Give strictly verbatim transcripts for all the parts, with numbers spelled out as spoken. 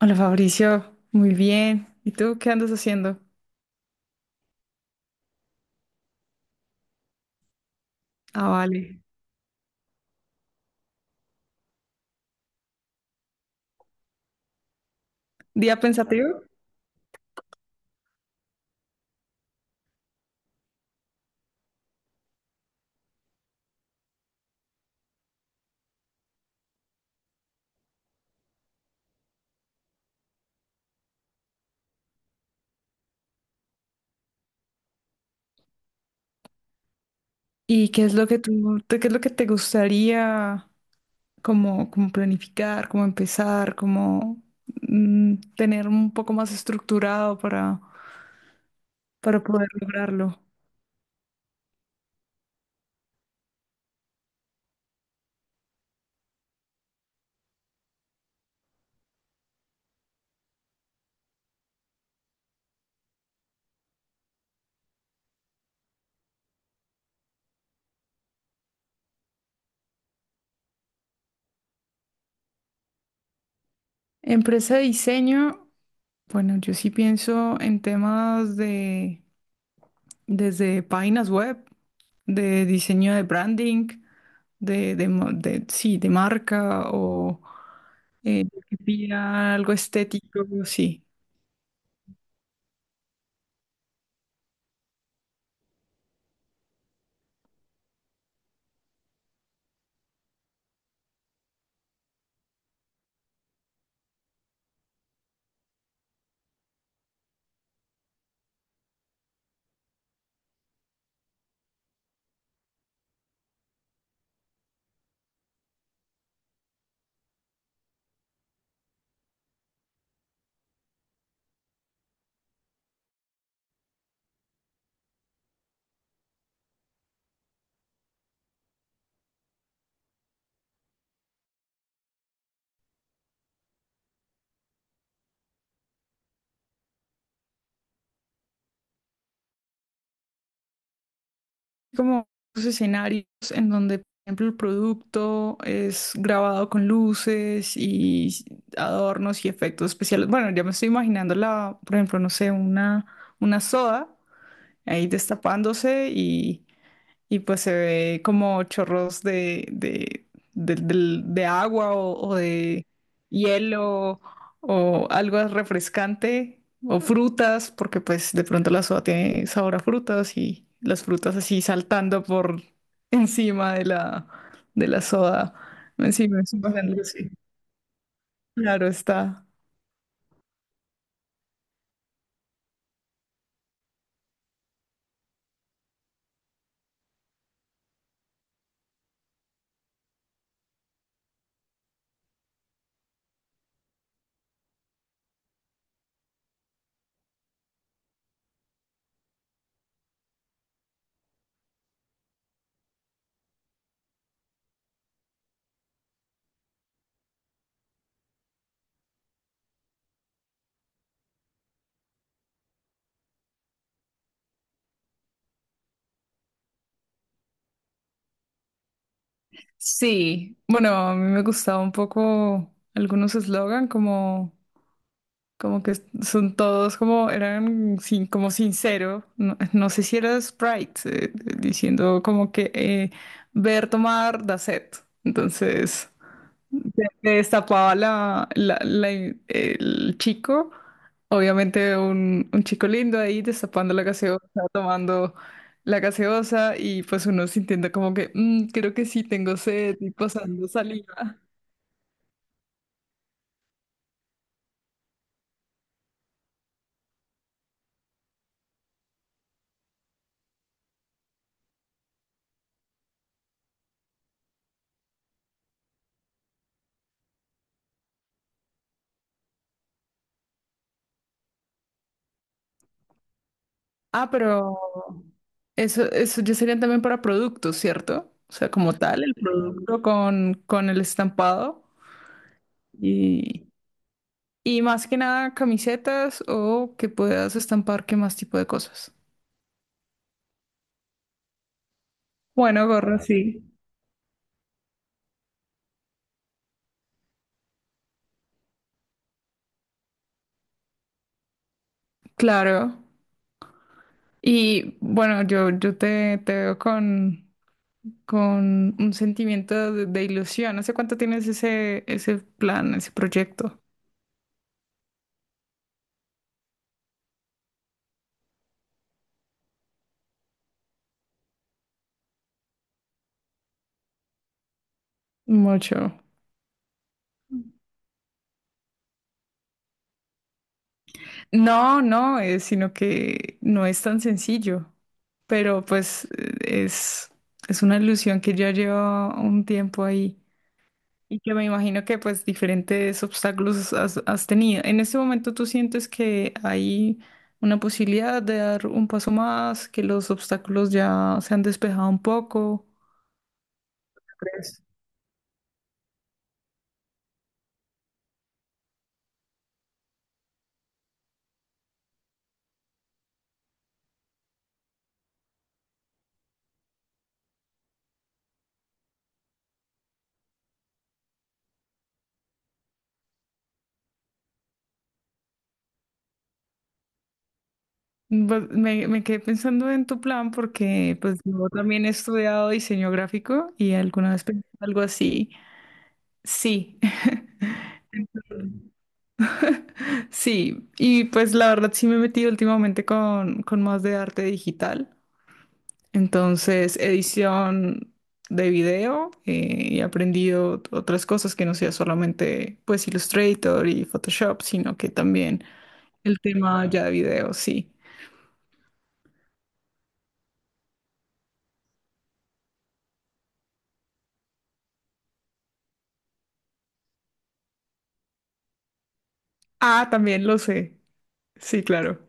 Hola Fabricio, muy bien. ¿Y tú qué andas haciendo? Ah, vale. ¿Día pensativo? ¿Y qué es lo que tú, te- qué es lo que te gustaría como, como planificar, como empezar, como mm, tener un poco más estructurado para, para poder lograrlo? Empresa de diseño, bueno, yo sí pienso en temas desde páginas web, de diseño de branding, de, de, ma- de- sí, de marca o eh, que pida algo estético, sí. Como los escenarios en donde, por ejemplo, el producto es grabado con luces y adornos y efectos especiales. Bueno, ya me estoy imaginando la, por ejemplo, no sé, una, una soda ahí destapándose y, y pues se ve como chorros de, de, del- del- de agua o, o de hielo o algo refrescante o frutas, porque pues de pronto la soda tiene sabor a frutas y las frutas así saltando por encima de la, de la soda. Encima, encima de algo así. Claro está. Sí, bueno, a mí me gustaba un poco algunos eslogan como... Como que son todos como, eran sin, como sincero, no, no sé si era Sprite, eh, diciendo como que eh, ver tomar da sed. Entonces, se- se destapaba la, la- la- el chico, obviamente un, un chico lindo ahí destapando la gaseosa, tomando la gaseosa y pues uno sintiendo como que "Mm, creo que sí tengo sed" y pasando saliva. Ah, pero eso, eso ya serían también para productos, ¿cierto? O sea, como tal, el producto con, con el estampado y, y más que nada camisetas o que puedas estampar qué más tipo de cosas. Bueno, gorro, sí, claro. Y bueno, yo, yo te, te veo con, con un sentimiento de, de ilusión. ¿Hace cuánto tienes ese, ese plan, ese proyecto? Mucho. No, no, eh, sino que no es tan sencillo. Pero pues es, es una ilusión que ya lleva un tiempo ahí y que me imagino que pues diferentes obstáculos has, has tenido. En este momento tú sientes que hay una posibilidad de dar un paso más, que los obstáculos ya se han despejado un poco. ¿Crees? Pues, me, me quedé pensando en tu plan, porque pues yo también he estudiado diseño gráfico y alguna vez pensé algo así. Sí. Sí, y pues la verdad sí me he metido últimamente con, con más de arte digital. Entonces, edición de video, eh, y he aprendido otras cosas que no sea solamente pues Illustrator y Photoshop, sino que también el tema ya de video, sí. Ah, también lo sé. Sí, claro.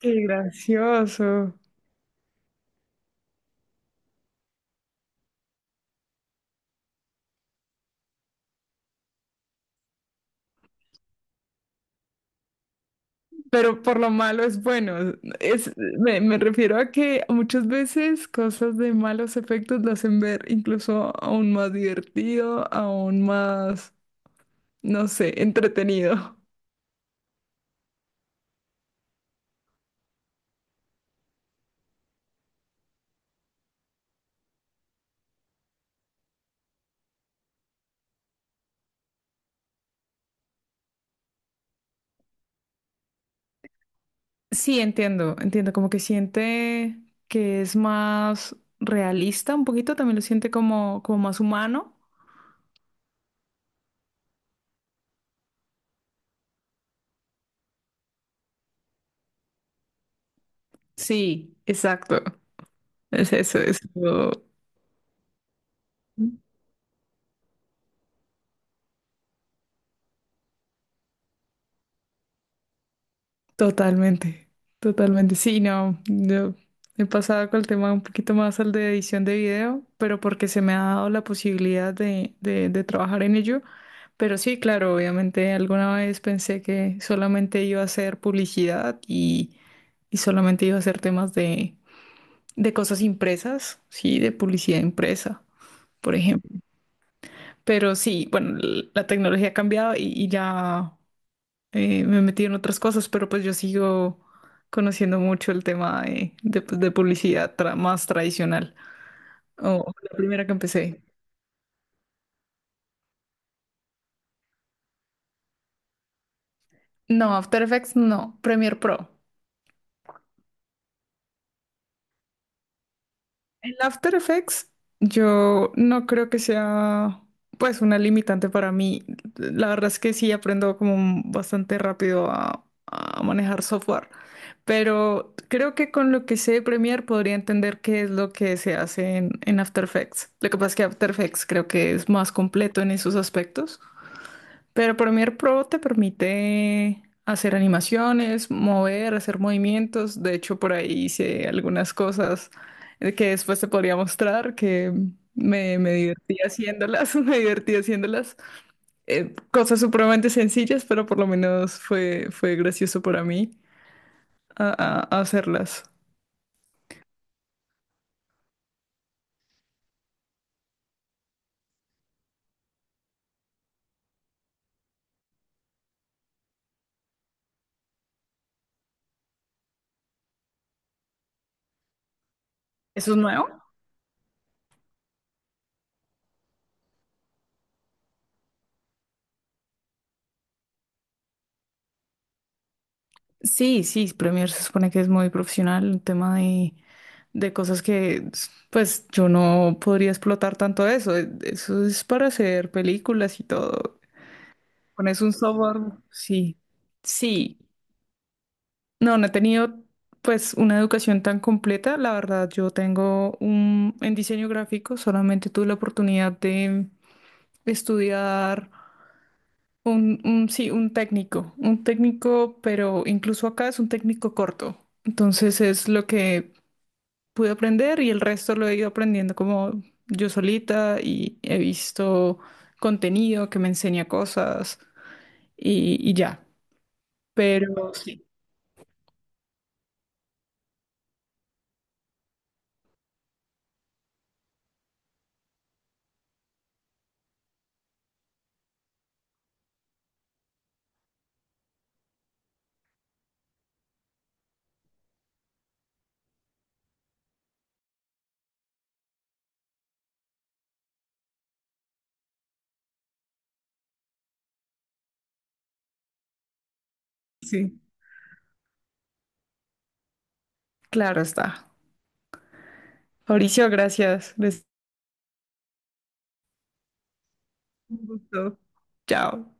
Qué gracioso. Pero por lo malo es bueno. Es, me, me refiero a que muchas veces cosas de malos efectos lo hacen ver incluso aún más divertido, aún más, no sé, entretenido. Sí, entiendo, entiendo, como que siente que es más realista un poquito, también lo siente como, como más humano. Sí, exacto. Es eso, es lo- Totalmente, totalmente. Sí, no, yo he pasado con el tema un poquito más al de edición de video, pero porque se me ha dado la posibilidad de, de, de trabajar en ello. Pero sí, claro, obviamente alguna vez pensé que solamente iba a hacer publicidad y, y solamente iba a hacer temas de, de cosas impresas, sí, de publicidad impresa, por ejemplo. Pero sí, bueno, l- la tecnología ha cambiado y, y ya eh, me metí en otras cosas, pero pues yo sigo conociendo mucho el tema de, de, pues, de publicidad tra- más tradicional. O la primera que empecé. No, After Effects no, Premiere Pro. En After Effects, yo no creo que sea pues una limitante para mí. La verdad es que sí aprendo como bastante rápido a, a manejar software, pero creo que con lo que sé Premiere podría entender qué es lo que se hace en, en After Effects. Lo que pasa es que After Effects creo que es más completo en esos aspectos. Pero Premiere Pro te permite hacer animaciones, mover, hacer movimientos. De hecho, por ahí hice algunas cosas eh, que después te podría mostrar que me, me divertí haciéndolas, me divertí haciéndolas. Eh, cosas supremamente sencillas, pero por lo menos fue, fue gracioso para mí a- a- hacerlas. ¿Eso es nuevo? Sí, sí, Premiere se supone que es muy profesional en tema de, de cosas que, pues, yo no podría explotar tanto eso. E- Eso es para hacer películas y todo. Pones un software, sí. Sí. No, no he tenido, pues, una educación tan completa. La verdad, yo tengo un, en diseño gráfico, solamente tuve la oportunidad de estudiar. Un, un, sí, un técnico, un técnico, pero incluso acá es un técnico corto. Entonces es lo que pude aprender y el resto lo he ido aprendiendo como yo solita y he visto contenido que me enseña cosas y, y ya. Pero sí, sí, claro está. Mauricio, gracias. Les... Un gusto. Chao.